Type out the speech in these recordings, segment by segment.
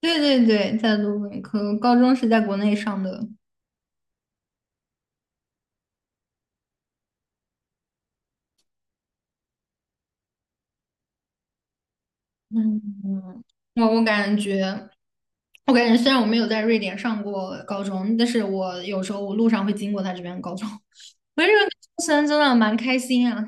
对对对，在卢本科，高中是在国内上的。我感觉，我感觉虽然我没有在瑞典上过高中，但是我有时候我路上会经过他这边的高中，我觉得这个高中生真的蛮开心啊。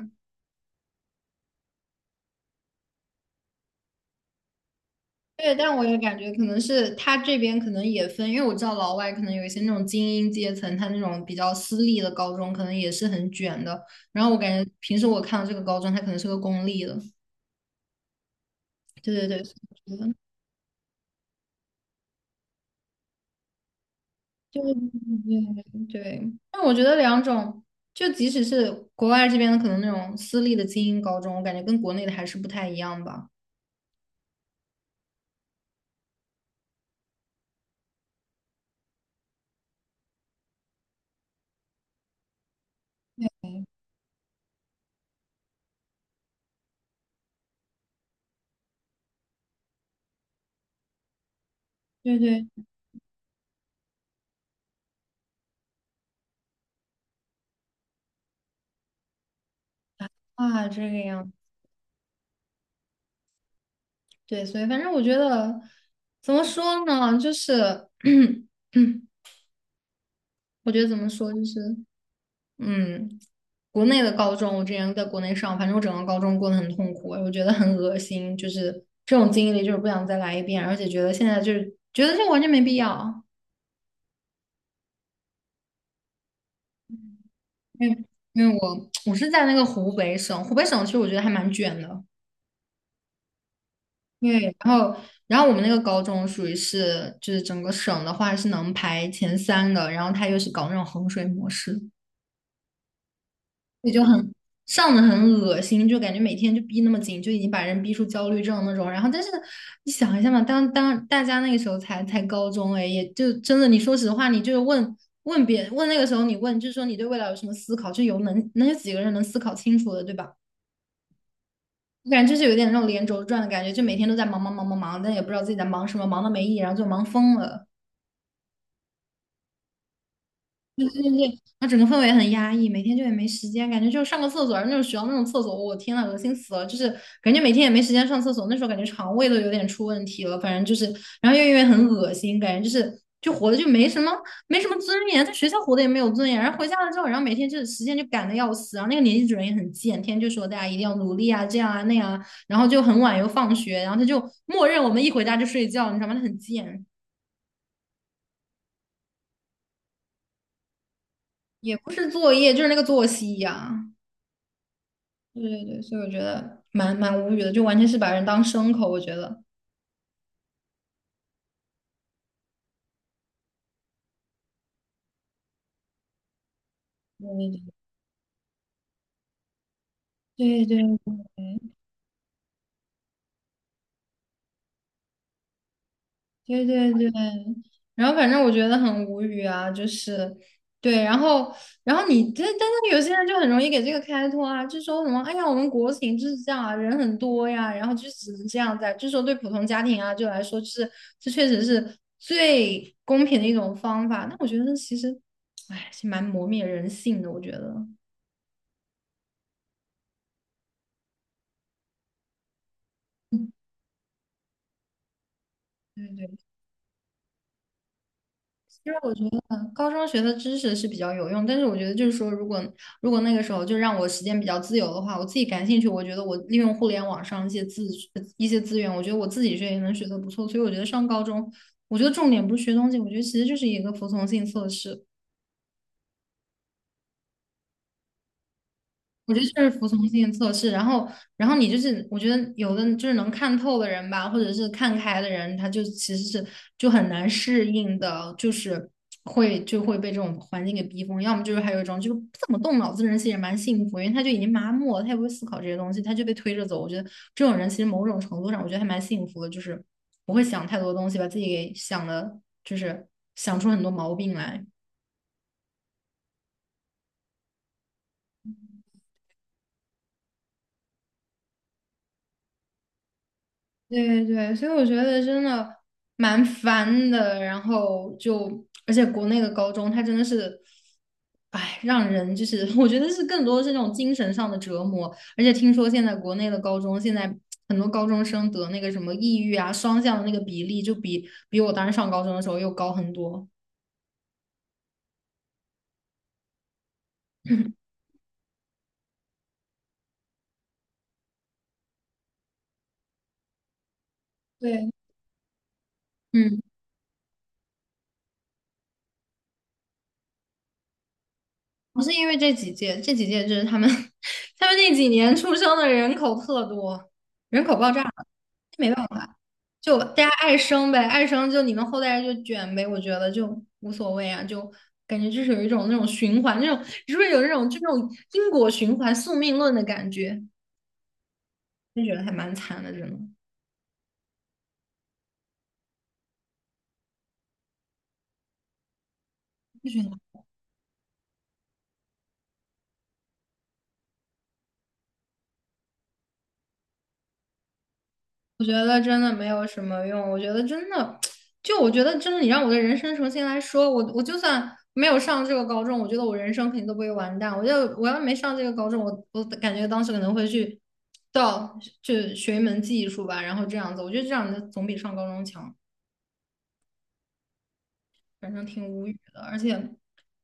对，但我也感觉可能是他这边可能也分，因为我知道老外可能有一些那种精英阶层，他那种比较私立的高中可能也是很卷的。然后我感觉平时我看到这个高中，它可能是个公立的。对对对，我觉得。对对对，但我觉得两种，就即使是国外这边的，可能那种私立的精英高中，我感觉跟国内的还是不太一样吧。对对，啊，这个样，对，所以反正我觉得怎么说呢，就是 我觉得怎么说就是，嗯，国内的高中，我之前在国内上，反正我整个高中过得很痛苦，我觉得很恶心，就是这种经历，就是不想再来一遍，而且觉得现在就是觉得这完全没必要。因为因为我是在那个湖北省，湖北省其实我觉得还蛮卷的。因为然后然后我们那个高中属于是就是整个省的话是能排前三的，然后他又是搞那种衡水模式，也就很上的很恶心，就感觉每天就逼那么紧，就已经把人逼出焦虑症那种。然后但是你想一下嘛，当大家那个时候才高中哎，也就真的你说实话，你就是问问别问那个时候你问，就是说你对未来有什么思考，就有能有几个人能思考清楚的，对吧？我感觉就是有点那种连轴转的感觉，就每天都在忙忙忙忙忙，但也不知道自己在忙什么，忙的没意义，然后就忙疯了。对对对，那整个氛围很压抑，每天就也没时间，感觉就上个厕所，那种学校那种厕所，我天呐，恶心死了！就是感觉每天也没时间上厕所，那时候感觉肠胃都有点出问题了，反正就是，然后又因为很恶心，感觉就是就活的就没什么尊严，在学校活的也没有尊严，然后回家了之后，然后每天就是时间就赶的要死，然后那个年级主任也很贱，天天就说大家一定要努力啊，这样啊那样啊，然后就很晚又放学，然后他就默认我们一回家就睡觉，你知道吗？他很贱，也不是作业，就是那个作息呀、对对对，所以我觉得蛮无语的，就完全是把人当牲口，我觉得。对对对对对对对，然后反正我觉得很无语啊，就是对，然后你这但是有些人就很容易给这个开脱啊，就说什么哎呀，我们国情就是这样啊，人很多呀，然后就只能这样在，就说对普通家庭啊就来说，就是这确实是最公平的一种方法。那我觉得其实，哎，是蛮磨灭人性的，我觉得。对对其实我觉得高中学的知识是比较有用，但是我觉得就是说，如果那个时候就让我时间比较自由的话，我自己感兴趣，我觉得我利用互联网上一些资源，我觉得我自己学也能学得不错，所以我觉得上高中，我觉得重点不是学东西，我觉得其实就是一个服从性测试。我觉得就是服从性测试，然后，然后你就是，我觉得有的就是能看透的人吧，或者是看开的人，他就其实是就很难适应的，就是就会被这种环境给逼疯。要么就是还有一种就是不怎么动脑子的人，其实也蛮幸福，因为他就已经麻木了，他也不会思考这些东西，他就被推着走。我觉得这种人其实某种程度上，我觉得还蛮幸福的，就是不会想太多东西，把自己给想的，就是想出很多毛病来。对对，所以我觉得真的蛮烦的。然后就，而且国内的高中，它真的是，哎，让人就是，我觉得是更多是那种精神上的折磨。而且听说现在国内的高中，现在很多高中生得那个什么抑郁啊、双向的那个比例，就比我当时上高中的时候又高很多。对，嗯，不是因为这几届，这几届就是他们 他们那几年出生的人口特多，人口爆炸了，没办法。就大家爱生呗，爱生就你们后代就卷呗，我觉得就无所谓啊，就感觉就是有一种那种循环，那种是不是有那种就那种因果循环、宿命论的感觉？就觉得还蛮惨的，真的。我觉得真的没有什么用。我觉得真的，就我觉得真的，你让我的人生重新来说，我就算没有上这个高中，我觉得我人生肯定都不会完蛋。我要没上这个高中，我感觉当时可能会去到就学一门技术吧，然后这样子，我觉得这样子总比上高中强。反正挺无语的，而且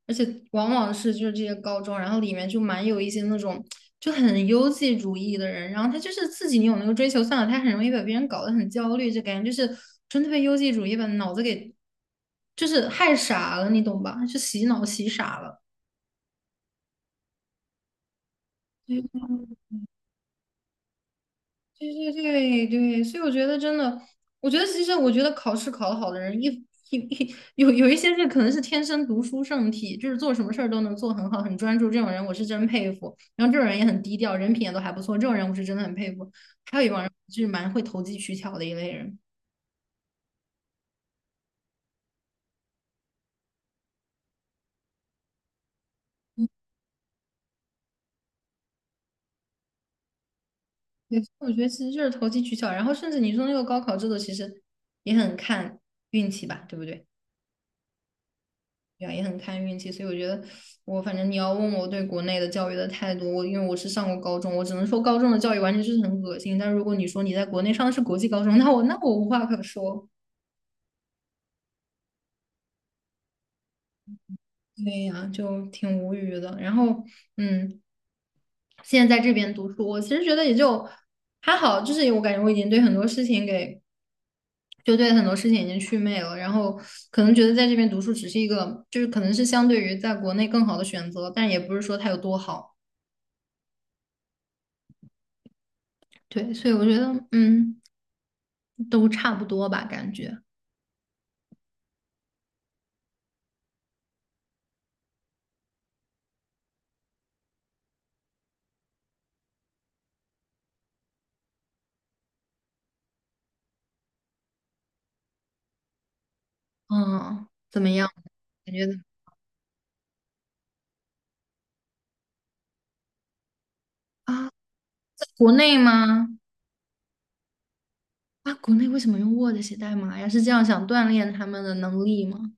而且往往是就是这些高中，然后里面就蛮有一些那种就很优绩主义的人，然后他就是自己你有那个追求算了，他很容易把别人搞得很焦虑，就感觉就是真的被优绩主义把脑子给就是害傻了，你懂吧？就洗脑洗傻了。对对对对对，所以我觉得真的，我觉得其实我觉得考试考得好的人，一有一些是可能是天生读书圣体，就是做什么事儿都能做很好，很专注。这种人我是真佩服。然后这种人也很低调，人品也都还不错。这种人我是真的很佩服。还有一帮人就是蛮会投机取巧的一类人。嗯，对，我觉得其实就是投机取巧。然后甚至你说那个高考制度，其实也很看运气吧，对不对？呀，也很看运气，所以我觉得我反正你要问我对国内的教育的态度，我因为我是上过高中，我只能说高中的教育完全就是很恶心。但如果你说你在国内上的是国际高中，那我无话可说。对呀，就挺无语的。然后，嗯，现在在这边读书，我其实觉得也就还好，就是我感觉我已经对很多事情给就对很多事情已经祛魅了，然后可能觉得在这边读书只是一个，就是可能是相对于在国内更好的选择，但也不是说它有多好。对，所以我觉得，都差不多吧，感觉，嗯，怎么样？感觉怎么啊，在国内吗？啊，国内为什么用 Word 写代码呀？是这样想锻炼他们的能力吗？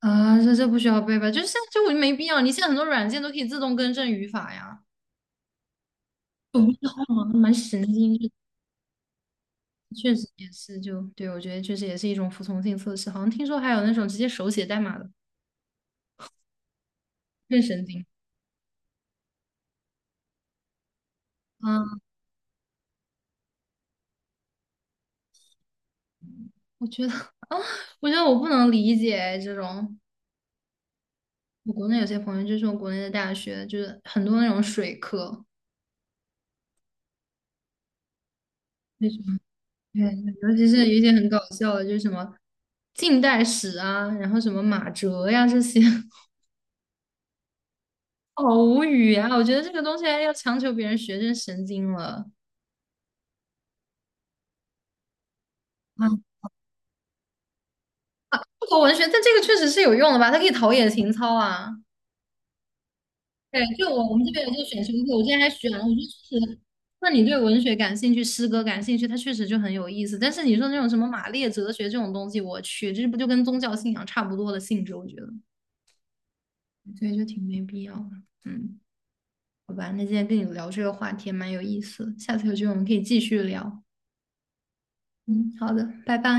啊，这这不需要背吧？就是现在就没必要，你现在很多软件都可以自动更正语法呀。我不知道啊，蛮神经质的确实也是就，对，我觉得确实也是一种服从性测试。好像听说还有那种直接手写代码的，更神经。啊！我觉得 啊，我觉得我不能理解这种。我国内有些朋友就说，国内的大学就是很多那种水课，就是对，尤其是有一些很搞笑的，就是什么近代史啊，然后什么马哲呀这些，好无语啊！我觉得这个东西还要强求别人学，真神经了啊！中国文学，但这个确实是有用的吧？它可以陶冶情操啊。对，就我们这边有这个选修课，我之前还选了，我觉得确实，那你对文学感兴趣，诗歌感兴趣，它确实就很有意思。但是你说那种什么马列哲学这种东西，我去，这不就跟宗教信仰差不多的性质？我觉得，所以就挺没必要的。嗯，好吧，那今天跟你聊这个话题也蛮有意思的下次有机会我们可以继续聊。嗯，好的，拜拜。